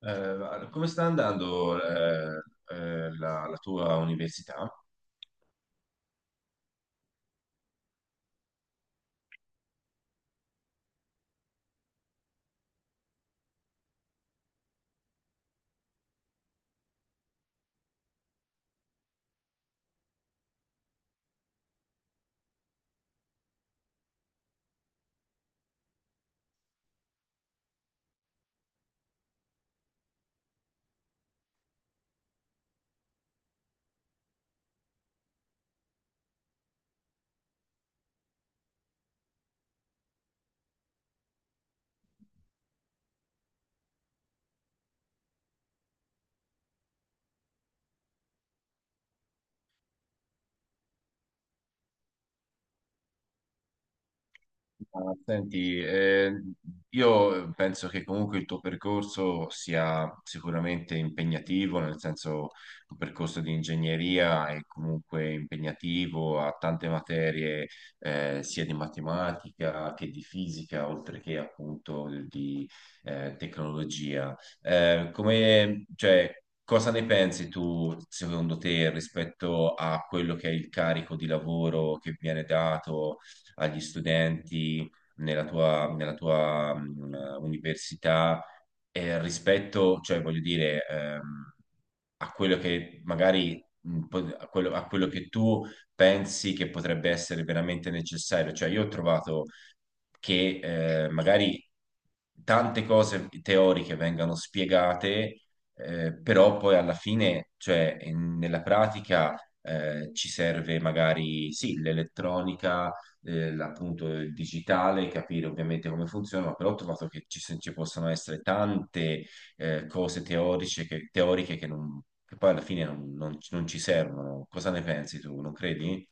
Come sta andando la tua università? Ma senti, io penso che comunque il tuo percorso sia sicuramente impegnativo, nel senso un percorso di ingegneria è comunque impegnativo, ha tante materie sia di matematica che di fisica, oltre che appunto di tecnologia. Cioè, cosa ne pensi tu, secondo te, rispetto a quello che è il carico di lavoro che viene dato agli studenti nella tua università rispetto, cioè voglio dire, a quello che magari a a quello che tu pensi che potrebbe essere veramente necessario. Cioè, io ho trovato che magari tante cose teoriche vengano spiegate, però poi alla fine, cioè nella pratica, ci serve magari sì, l'elettronica, appunto il digitale, capire ovviamente come funziona, ma però ho trovato che ci, se- ci possono essere tante cose teoriche che non, che poi alla fine non ci servono. Cosa ne pensi tu? Non credi?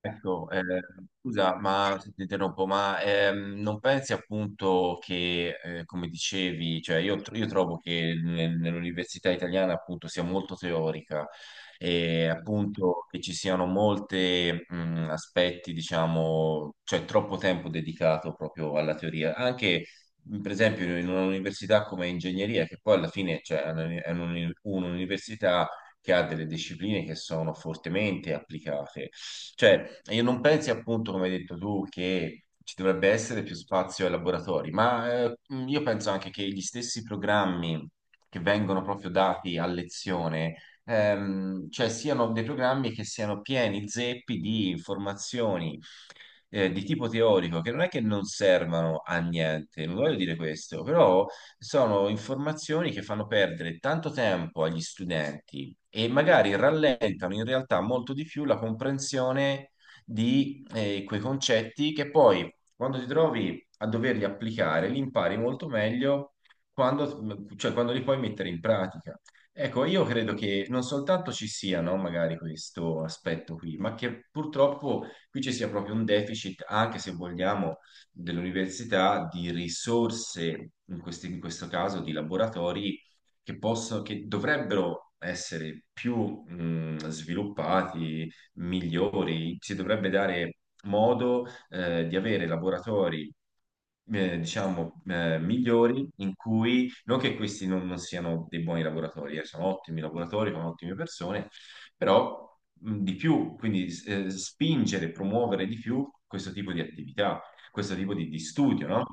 Ecco, scusa, ma se ti interrompo, ma non pensi appunto che, come dicevi, cioè io trovo che nell'università italiana appunto sia molto teorica e appunto che ci siano molti aspetti, diciamo, cioè troppo tempo dedicato proprio alla teoria, anche per esempio in un'università come ingegneria, che poi alla fine cioè, è è un'università che ha delle discipline che sono fortemente applicate. Cioè, e non pensi appunto, come hai detto tu, che ci dovrebbe essere più spazio ai laboratori, ma io penso anche che gli stessi programmi che vengono proprio dati a lezione, cioè siano dei programmi che siano pieni zeppi di informazioni di tipo teorico, che non è che non servano a niente, non voglio dire questo, però sono informazioni che fanno perdere tanto tempo agli studenti e magari rallentano in realtà molto di più la comprensione di quei concetti che poi quando ti trovi a doverli applicare li impari molto meglio quando, cioè, quando li puoi mettere in pratica. Ecco, io credo che non soltanto ci sia, no, magari questo aspetto qui, ma che purtroppo qui ci sia proprio un deficit, anche se vogliamo, dell'università di risorse, in in questo caso di laboratori che che dovrebbero essere più sviluppati, migliori, si dovrebbe dare modo di avere laboratori, diciamo, migliori, in cui non che questi non siano dei buoni lavoratori, sono ottimi lavoratori, sono ottime persone, però di più, quindi spingere, promuovere di più questo tipo di attività, questo tipo di studio, no?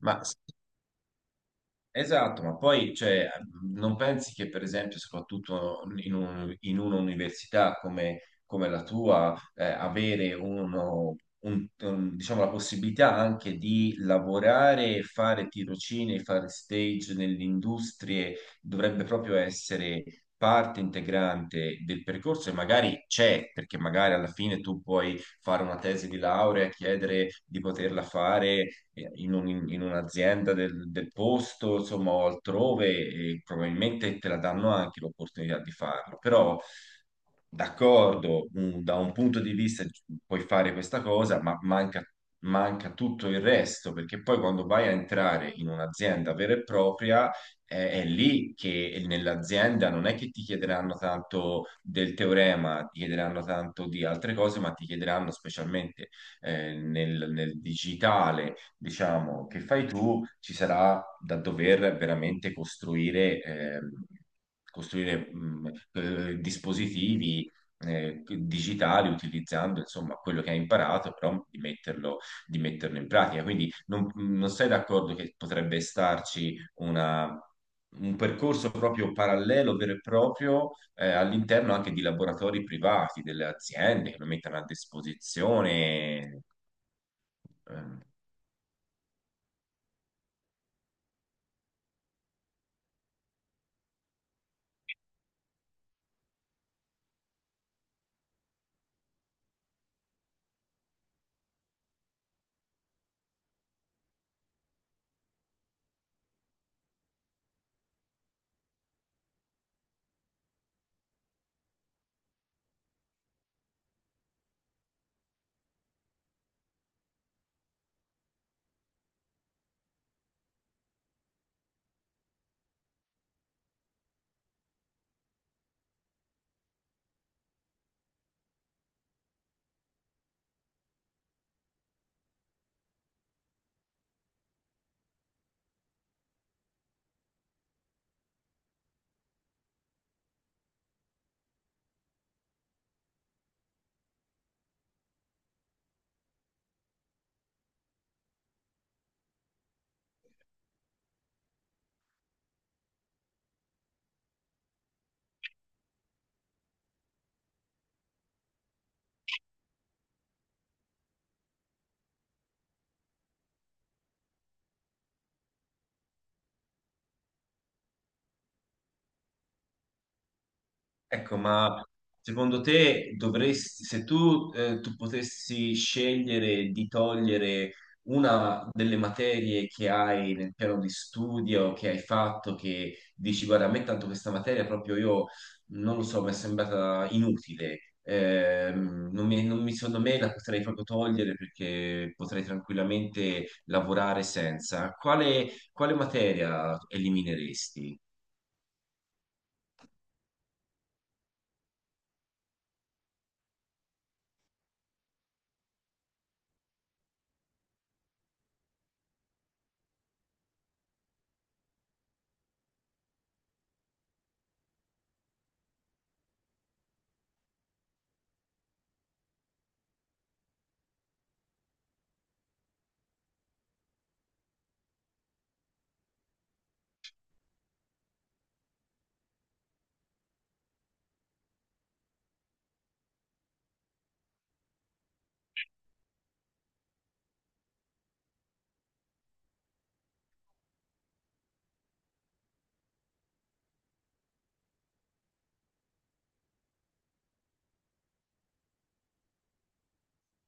Ma esatto, ma poi cioè, non pensi che per esempio, soprattutto in un'università come, come la tua, avere diciamo, la possibilità anche di lavorare, fare tirocini, fare stage nelle industrie, dovrebbe proprio essere parte integrante del percorso e magari c'è, perché magari alla fine tu puoi fare una tesi di laurea e chiedere di poterla fare in un'azienda del posto, insomma, o altrove, e probabilmente te la danno anche l'opportunità di farlo. Però, d'accordo, da un punto di vista puoi fare questa cosa, ma manca tutto il resto, perché poi quando vai a entrare in un'azienda vera e propria, è lì che nell'azienda non è che ti chiederanno tanto del teorema, ti chiederanno tanto di altre cose, ma ti chiederanno specialmente nel digitale, diciamo, che fai tu, ci sarà da dover veramente costruire, costruire dispositivi digitali utilizzando insomma quello che hai imparato, però di di metterlo in pratica. Quindi non sei d'accordo che potrebbe starci un percorso proprio parallelo, vero e proprio, all'interno anche di laboratori privati, delle aziende che lo mettano a disposizione. ehm, Ecco, ma secondo te dovresti, se tu, tu potessi scegliere di togliere una delle materie che hai nel piano di studio, che hai fatto, che dici, guarda, a me tanto questa materia proprio io, non lo so, mi è sembrata inutile, non non mi- secondo me la potrei proprio togliere perché potrei tranquillamente lavorare senza. Quale materia elimineresti?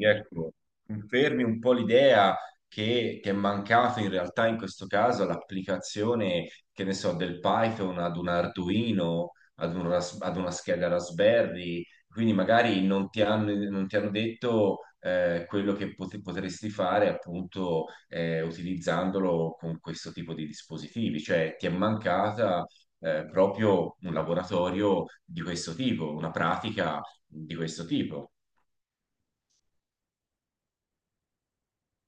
Ecco, confermi un po' l'idea che ti è mancato in realtà in questo caso l'applicazione, che ne so, del Python ad un Arduino, ad ad una scheda Raspberry, quindi magari non ti hanno, non ti hanno detto quello che potresti fare appunto utilizzandolo con questo tipo di dispositivi, cioè ti è mancata proprio un laboratorio di questo tipo, una pratica di questo tipo.